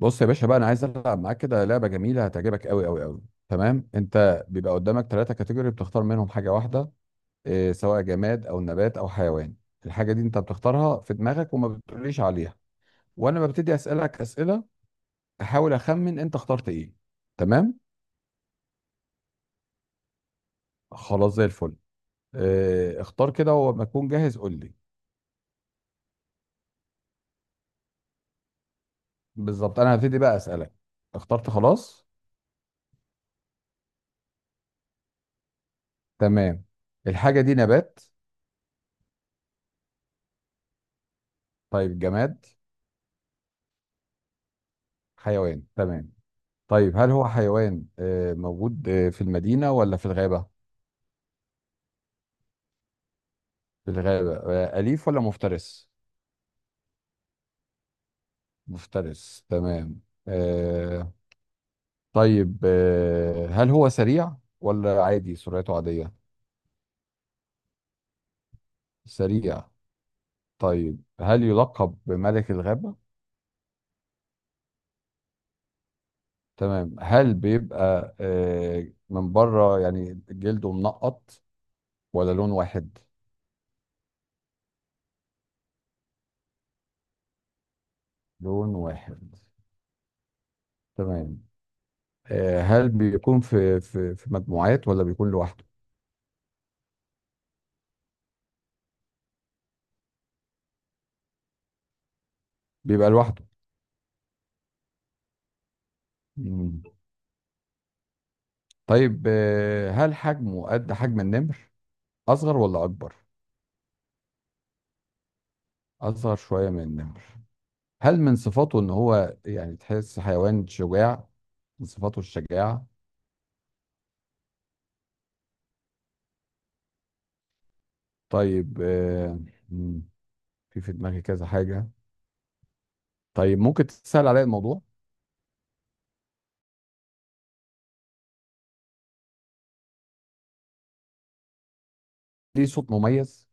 بص يا باشا بقى، انا عايز العب معاك كده لعبه جميله هتعجبك قوي قوي قوي. تمام، انت بيبقى قدامك ثلاثه كاتيجوري بتختار منهم حاجه واحده. إيه، سواء جماد او نبات او حيوان. الحاجه دي انت بتختارها في دماغك وما بتقوليش عليها. وانا ببتدي اسالك اسئله، احاول اخمن انت اخترت ايه. تمام. خلاص زي الفل. إيه، اختار كده وما اكون جاهز قول لي. بالظبط، انا هبتدي بقى اسالك. اخترت خلاص؟ تمام. الحاجه دي نبات؟ طيب جماد؟ حيوان، تمام. طيب، هل هو حيوان موجود في المدينة ولا في الغابة؟ في الغابة، أليف ولا مفترس؟ مفترس، تمام. آه، طيب، هل هو سريع ولا عادي سرعته عادية؟ سريع. طيب، هل يلقب بملك الغابة؟ تمام. هل بيبقى من بره يعني جلده منقط ولا لون واحد؟ لون واحد، تمام. هل بيكون في مجموعات ولا بيكون لوحده؟ بيبقى لوحده. مم. طيب، هل حجمه قد حجم النمر، اصغر ولا اكبر؟ اصغر شويه من النمر. هل من صفاته ان هو يعني تحس حيوان شجاع، من صفاته الشجاعه. طيب. مم، في دماغي كذا حاجه. طيب، ممكن تسهل عليا الموضوع؟ ليه صوت مميز؟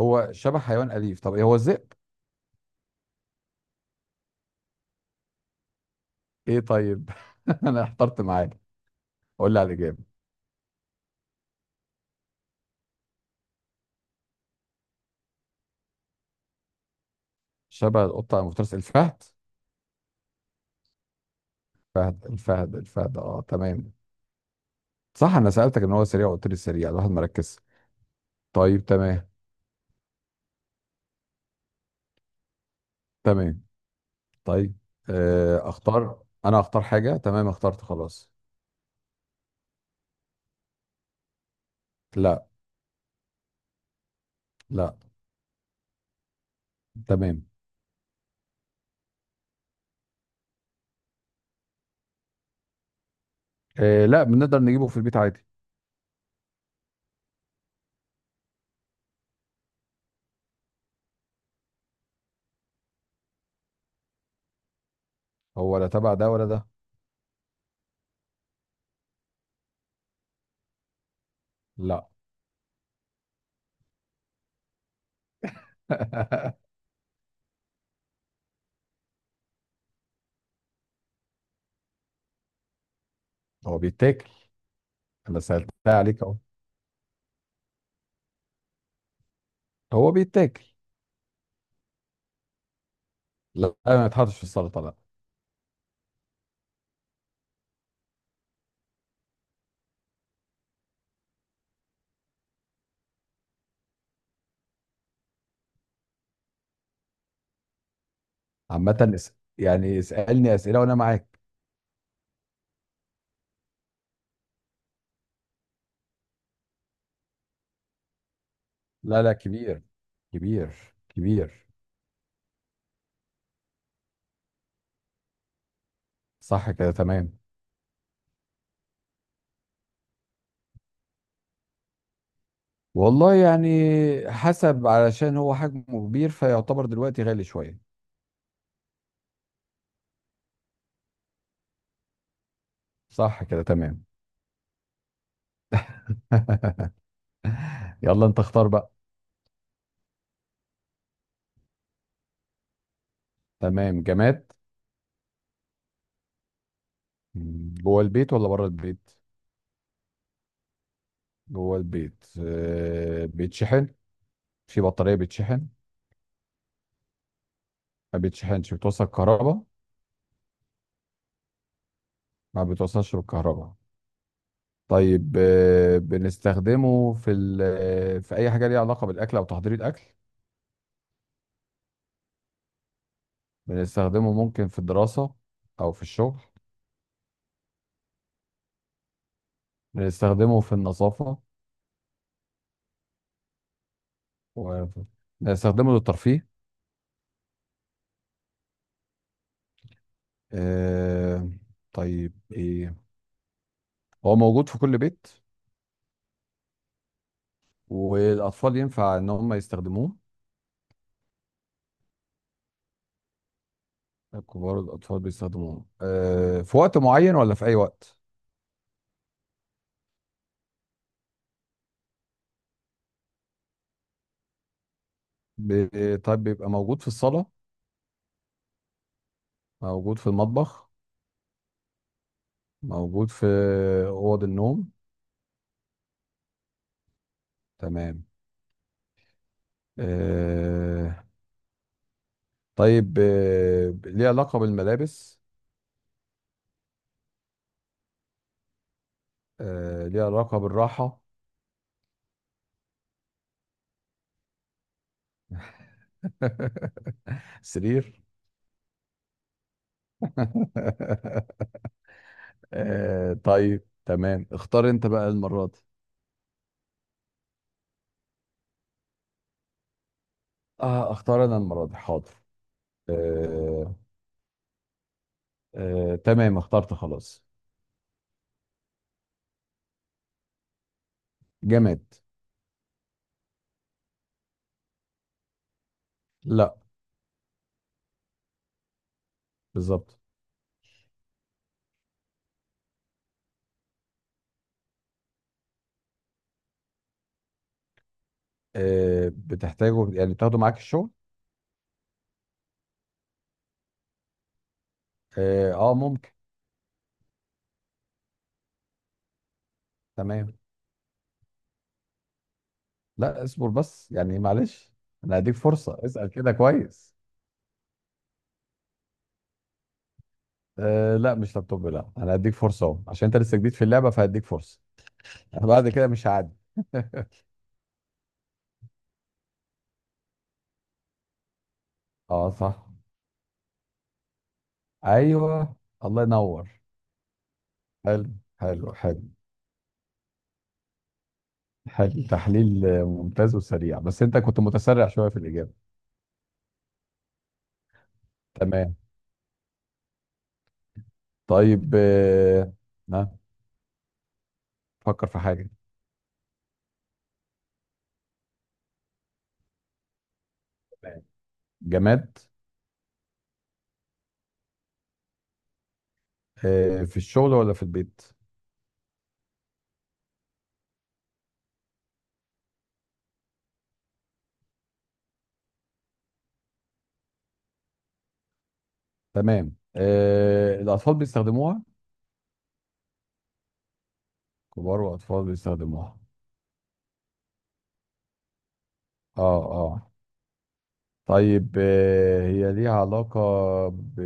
هو شبه حيوان اليف، طب ايه هو الذئب؟ ايه، طيب. انا احترت معاك. قول لي على الاجابه. شبه القطه المفترس الفهد. فهد، الفهد الفهد، اه تمام. صح، انا سالتك ان هو سريع وقلت لي سريع، الواحد مركز. طيب، تمام. تمام. طيب، اختار انا اختار حاجه، تمام اخترت خلاص. لا. لا. تمام. لا، بنقدر نجيبه في البيت عادي. هو لا تبع ده ولا ده. لا. هو بيتاكل. انا سالتها عليك اهو. هو بيتاكل. لا، ما يتحطش في السلطه، لا. عامه يعني اسالني اسئله وانا معاك. لا لا، كبير. كبير. كبير. صح كده، تمام. والله يعني، حسب علشان هو حجمه كبير فيعتبر دلوقتي غالي شوية. صح كده، تمام. يلا انت اختار بقى. تمام، جماد. جوه البيت ولا بره البيت؟ جوه البيت، بيتشحن؟ في بطارية بيتشحن؟ ما بيتشحنش؟ بتوصل كهرباء؟ ما بتوصلش بالكهرباء. طيب، بنستخدمه في ال- آه، في اي حاجة ليها علاقة بالاكل او تحضير الاكل؟ بنستخدمه ممكن في الدراسة، او في الشغل؟ بنستخدمه في النظافة؟ و- استخدمه للترفيه؟ آه، طيب ايه، هو موجود في كل بيت؟ والاطفال ينفع ان هم يستخدموه؟ الكبار والاطفال بيستخدموه في وقت معين ولا في اي وقت؟ طيب، بيبقى موجود في الصالة؟ موجود في المطبخ؟ موجود في اوض النوم؟ تمام. آه، طيب، ليه علاقة بالملابس؟ ليه علاقة بالراحة؟ سرير. آه، طيب، تمام، اختار انت بقى المرة دي. اه، اختار انا المرة دي، حاضر. آه آه تمام، اخترت خلاص. جماد. لا. بالظبط. آه، بتحتاجه يعني تاخده معاك الشغل؟ اه، ممكن. تمام. لا، اصبر بس يعني معلش، انا هديك فرصة اسأل كده كويس. آه لا، مش لابتوب، لا. انا هديك فرصة اهو عشان انت لسه جديد في اللعبة فهديك فرصة. بعد كده مش هعدي. اه، صح. ايوه. الله ينور. حلو. حلو حلو. تحليل، ممتاز وسريع، بس انت كنت متسرع شويه في الاجابه. تمام. طيب. ها. فكر في حاجه. تمام. جماد. في الشغل ولا في البيت؟ تمام. الاطفال بيستخدموها؟ كبار واطفال بيستخدموها. اه اه. طيب، هي ليها علاقه ب...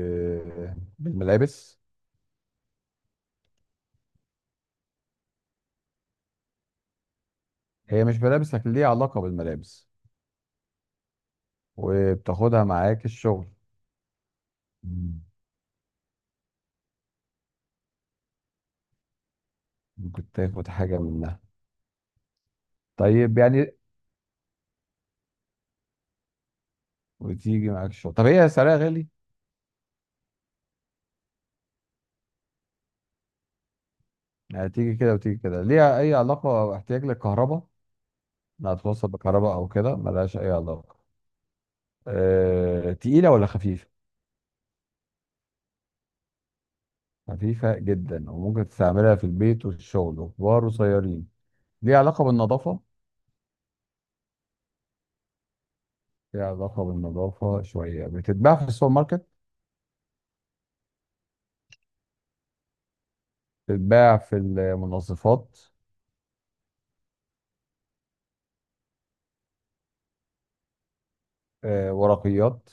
بالملابس؟ هي مش ملابس لكن ليها علاقه بالملابس، وبتاخدها معاك الشغل. مم. ممكن تاخد حاجه منها؟ طيب يعني، وتيجي معاك الشغل. طب هي سعرها غالي؟ يعني تيجي كده وتيجي كده. ليها اي علاقه او احتياج للكهرباء، انها توصل بكهرباء او كده، ملهاش اي علاقه. تقيله ولا خفيفه؟ خفيفه جدا، وممكن تستعملها في البيت وفي الشغل، وكبار وصغيرين. ليها علاقه بالنظافه؟ ليها علاقه بالنظافه شويه. بتتباع في السوبر ماركت؟ بتتباع في المنظفات؟ ورقيات؟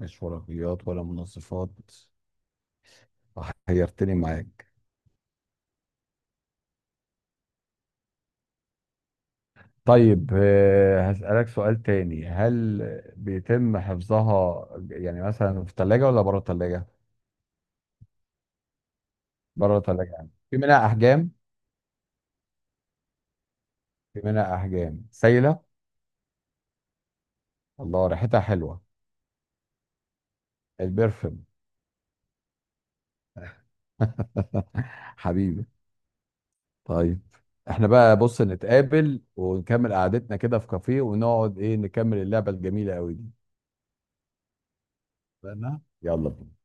مش ورقيات ولا منظفات. حيرتني معاك. طيب، هسألك سؤال تاني، هل بيتم حفظها يعني مثلا في الثلاجة ولا بره الثلاجة؟ بره الثلاجة. يعني في منها أحجام؟ في منها أحجام سايلة. الله، ريحتها حلوة. البرفم. حبيبي. طيب، احنا بقى بص نتقابل ونكمل قعدتنا كده في كافيه، ونقعد ايه، نكمل اللعبة الجميلة قوي دي. اتفقنا؟ يلا بينا.